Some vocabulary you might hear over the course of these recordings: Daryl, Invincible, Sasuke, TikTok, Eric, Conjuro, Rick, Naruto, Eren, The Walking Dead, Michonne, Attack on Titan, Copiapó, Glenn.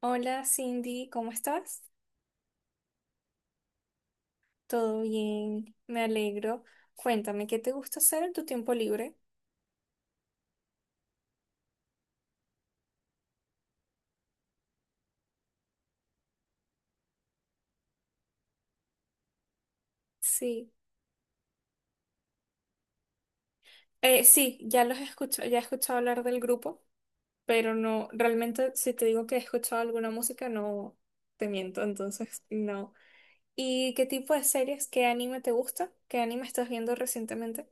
Hola Cindy, ¿cómo estás? Todo bien, me alegro. Cuéntame, ¿qué te gusta hacer en tu tiempo libre? Sí, sí, ya los he escuchado, ya he escuchado hablar del grupo, pero no, realmente si te digo que he escuchado alguna música, no te miento, entonces no. ¿Y qué tipo de series, qué anime te gusta? ¿Qué anime estás viendo recientemente?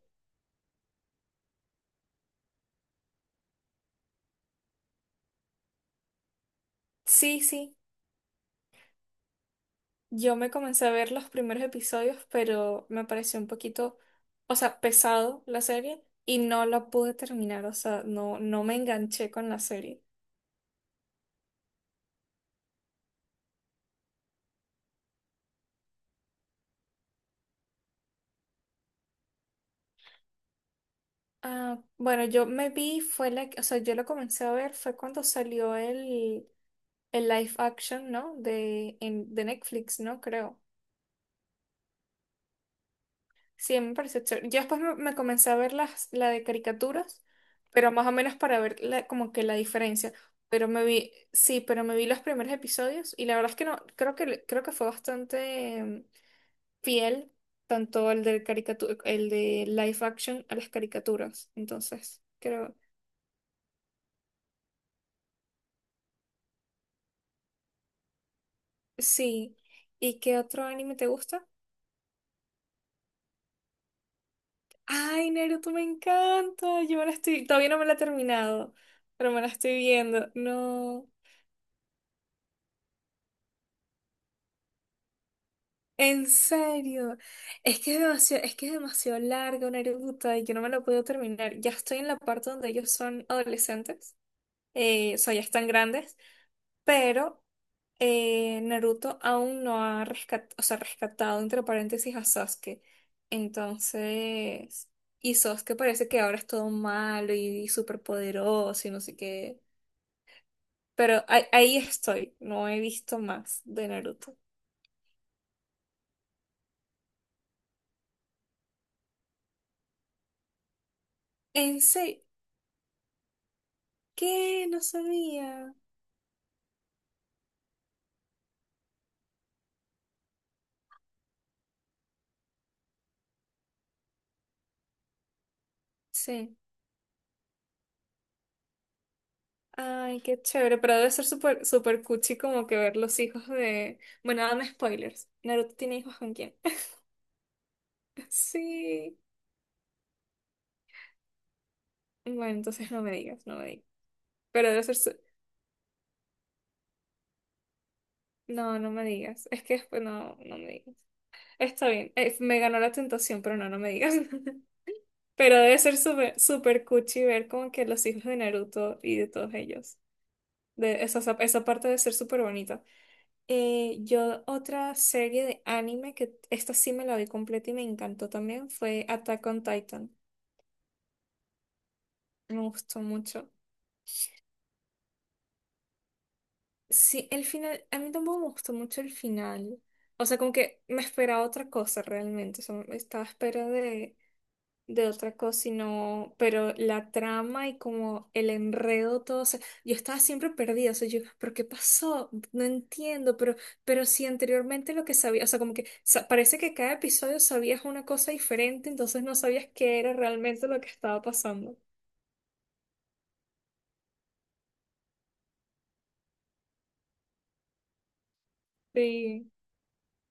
Sí, sí, yo me comencé a ver los primeros episodios, pero me pareció un poquito, o sea, pesado la serie y no la pude terminar, o sea, no me enganché con la serie. Ah, bueno, yo me vi, fue la, o sea, yo lo comencé a ver, fue cuando salió el live action, ¿no? De, en, de Netflix, ¿no? Creo. Sí, me pareció chévere. Yo después me comencé a ver las, la de caricaturas, pero más o menos para ver como que la diferencia. Pero me vi, sí, pero me vi los primeros episodios y la verdad es que no, creo que fue bastante fiel, tanto el de caricatura, el de live action a las caricaturas. Entonces, creo, sí. ¿Y qué otro anime te gusta? Ay, Naruto, me encanta. Yo me la estoy, todavía no me la he terminado, pero me la estoy viendo. No. En serio, es que es demasiado, es que es demasiado larga, Naruto, y yo no me lo puedo terminar. Ya estoy en la parte donde ellos son adolescentes, o sea, ya están grandes, pero Naruto aún no ha o sea, rescatado, entre paréntesis, a Sasuke. Entonces, y Sasuke parece que ahora es todo malo y, súper poderoso y no sé qué. Pero ahí estoy, no he visto más de Naruto. En serio, ¿qué? No sabía. Sí. Ay, qué chévere, pero debe ser súper súper cuchi como que ver los hijos de... Bueno, dame spoilers. ¿Naruto tiene hijos con quién? Sí. Bueno, entonces no me digas, no me digas. Pero debe ser... No, no me digas. Es que después no, no me digas. Está bien, me ganó la tentación, pero no, no me digas. Pero debe ser súper súper cuchi ver como que los hijos de Naruto y de todos ellos. De esa, esa parte debe ser súper bonita. Yo otra serie de anime que esta sí me la vi completa y me encantó también fue Attack on Titan. Me gustó mucho. Sí, el final, a mí tampoco me gustó mucho el final. O sea, como que me esperaba otra cosa realmente. O sea, estaba a espera de otra cosa, sino, pero la trama y como el enredo, todo, o sea, yo estaba siempre perdida, o sea, yo, ¿pero qué pasó? No entiendo, pero si anteriormente lo que sabía, o sea, como que parece que cada episodio sabías una cosa diferente, entonces no sabías qué era realmente lo que estaba pasando. Sí,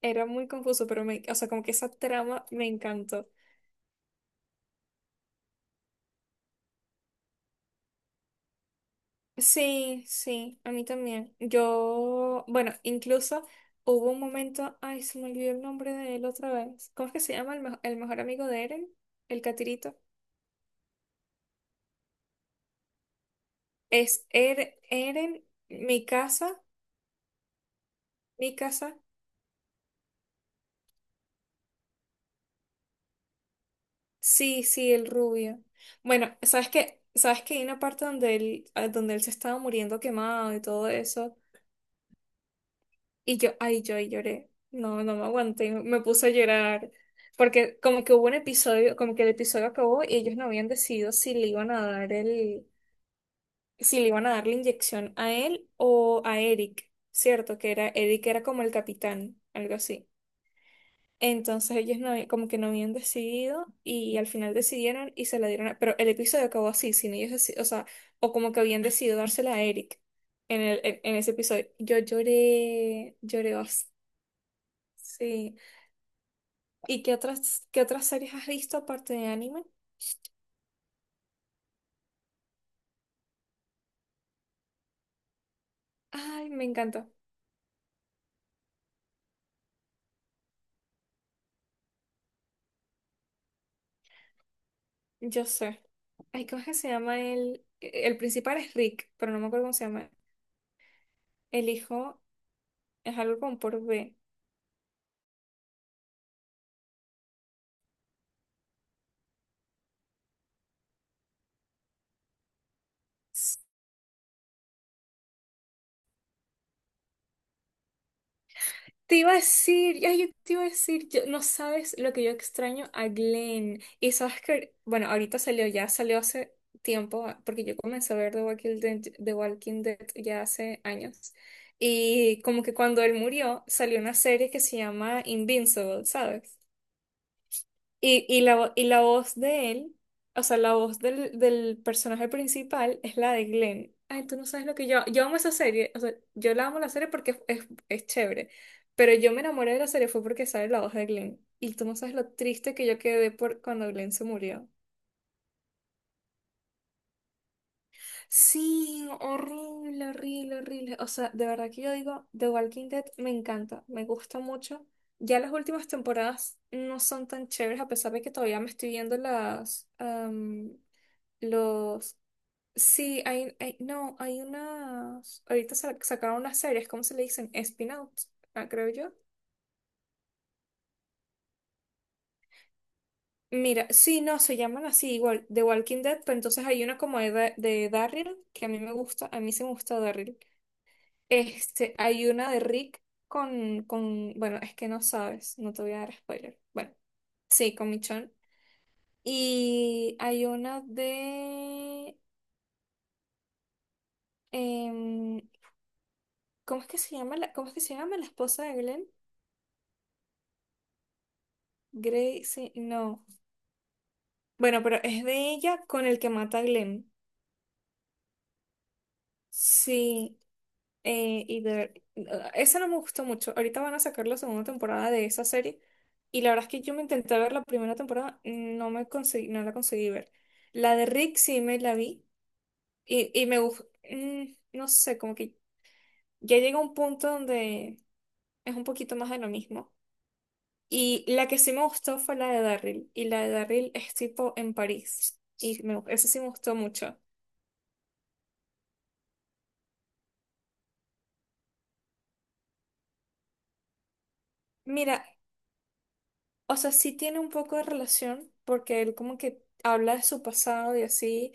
era muy confuso, pero me, o sea, como que esa trama me encantó. Sí, sí, a mí también. Yo, bueno, incluso hubo un momento, ay, se me olvidó el nombre de él otra vez. ¿Cómo es que se llama el, el mejor amigo de Eren? El catirito. Es Eren, mi casa, mi casa. Sí, sí, el rubio. Bueno, ¿sabes que hay una parte donde él, ah, donde él se estaba muriendo quemado y todo eso? Y yo, ay, yo lloré. No, no me aguanté. Me puse a llorar. Porque como que hubo un episodio, como que el episodio acabó y ellos no habían decidido si le iban a dar el, si le iban a dar la inyección a él o a Eric, ¿cierto? Que era, Eric era como el capitán, algo así. Entonces ellos no, como que no habían decidido y al final decidieron y se la dieron pero el episodio acabó así, sin ellos o sea, o como que habían decidido dársela a Eric en el, en ese episodio. Yo lloré, lloré bastante. Sí, ¿y qué otras series has visto aparte de anime? Ay, me encanta. Yo sé. Ay, ¿cómo es que se llama el... El principal es Rick, pero no me acuerdo cómo se llama. El hijo es algo con por B. S- Te iba a decir, ay, yo te iba a decir, no sabes lo que yo extraño a Glenn. Y sabes que, bueno, ahorita salió, ya salió hace tiempo, porque yo comencé a ver The Walking Dead, The Walking Dead ya hace años. Y como que cuando él murió, salió una serie que se llama Invincible, ¿sabes? Y la, y la voz de él, o sea, la voz del, del personaje principal es la de Glenn. Ay, tú no sabes lo que yo... Yo amo esa serie, o sea, yo la amo la serie porque es, chévere, pero yo me enamoré de la serie fue porque sale la voz de Glenn. Y tú no sabes lo triste que yo quedé por cuando Glenn se murió. Sí, horrible, horrible, horrible. O sea, de verdad que yo digo, The Walking Dead me encanta, me gusta mucho. Ya las últimas temporadas no son tan chéveres, a pesar de que todavía me estoy viendo las, los... Sí, hay, no, hay unas... Ahorita sacaron unas series, ¿cómo se le dicen? Spin-outs, ah, creo yo. Mira, sí, no, se llaman así igual, The Walking Dead, pero entonces hay una como de Daryl, que a mí me gusta, a mí sí me gusta Daryl. Este, hay una de Rick con, bueno, es que no sabes, no te voy a dar spoiler. Bueno, sí, con Michonne. Y hay una de, em, ¿cómo es que se llama la, cómo es que se llama la esposa de Glenn? Gracie, no. Bueno, pero es de ella con el que mata a Glenn. Sí. Y de, ah, esa no me gustó mucho. Ahorita van a sacar la segunda temporada de esa serie. Y la verdad es que yo me intenté ver la primera temporada, no me conseguí, no la conseguí ver. La de Rick sí me la vi. Y me gustó. No sé, como que ya llega un punto donde es un poquito más de lo mismo. Y la que sí me gustó fue la de Daryl. Y la de Daryl es tipo en París. Y me, esa sí me gustó mucho. Mira, o sea, sí tiene un poco de relación porque él como que habla de su pasado y así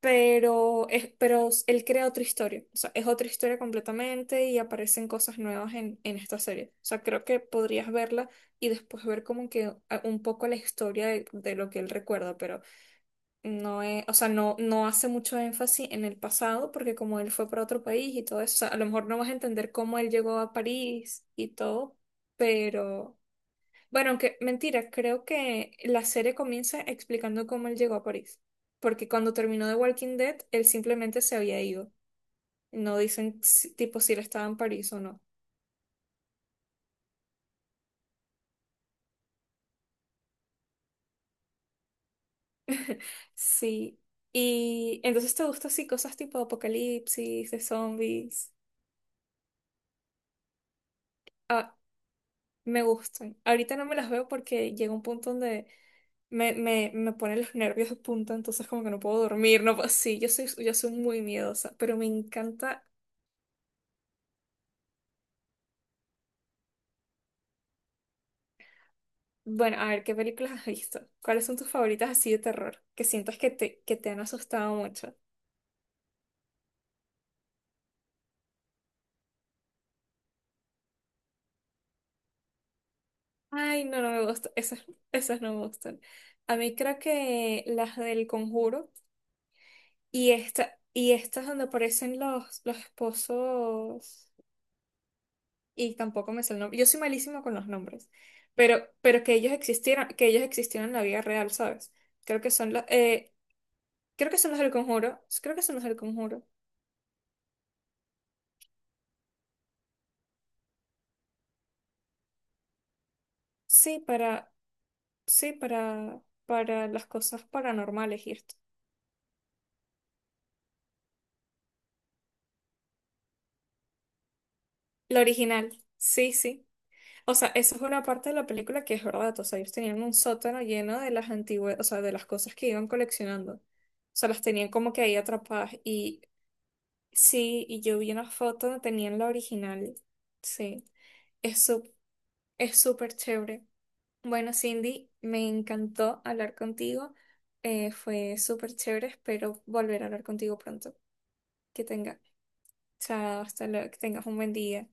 pero, es, pero él crea otra historia, o sea, es otra historia completamente y aparecen cosas nuevas en esta serie. O sea, creo que podrías verla y después ver como que un poco la historia de lo que él recuerda, pero no es, o sea, no, no hace mucho énfasis en el pasado porque como él fue para otro país y todo eso, o sea, a lo mejor no vas a entender cómo él llegó a París y todo, pero... Bueno, aunque mentira, creo que la serie comienza explicando cómo él llegó a París. Porque cuando terminó The Walking Dead, él simplemente se había ido. No dicen tipo si él estaba en París o no. Sí. Y entonces te gustan así cosas tipo apocalipsis, de zombies. Ah, me gustan. Ahorita no me las veo porque llega un punto donde me ponen los nervios de punta, entonces como que no puedo dormir, no puedo- Sí, yo soy muy miedosa, pero me encanta. Bueno, a ver, ¿qué películas has visto? ¿Cuáles son tus favoritas así de terror? Que sientas que te han asustado mucho. Ay, no, no me gustan. Esas, esas no me gustan. A mí creo que las del Conjuro y esta, y estas donde aparecen los esposos. Y tampoco me sé el nombre. Yo soy malísima con los nombres. Pero que ellos existieron en la vida real, ¿sabes? Creo que son los, creo que son los del Conjuro. Creo que son los del Conjuro. Sí, para. Sí, para las cosas paranormales y esto. La original, sí, sí. O sea, esa es una parte de la película que es verdad. O sea, ellos tenían un sótano lleno de las antiguas, o sea, de las cosas que iban coleccionando. O sea, las tenían como que ahí atrapadas. Y sí, y yo vi una foto donde tenían la original. Sí, es es súper chévere. Bueno, Cindy, me encantó hablar contigo. Fue súper chévere. Espero volver a hablar contigo pronto. Que tengas Chao, hasta luego, que tengas un buen día.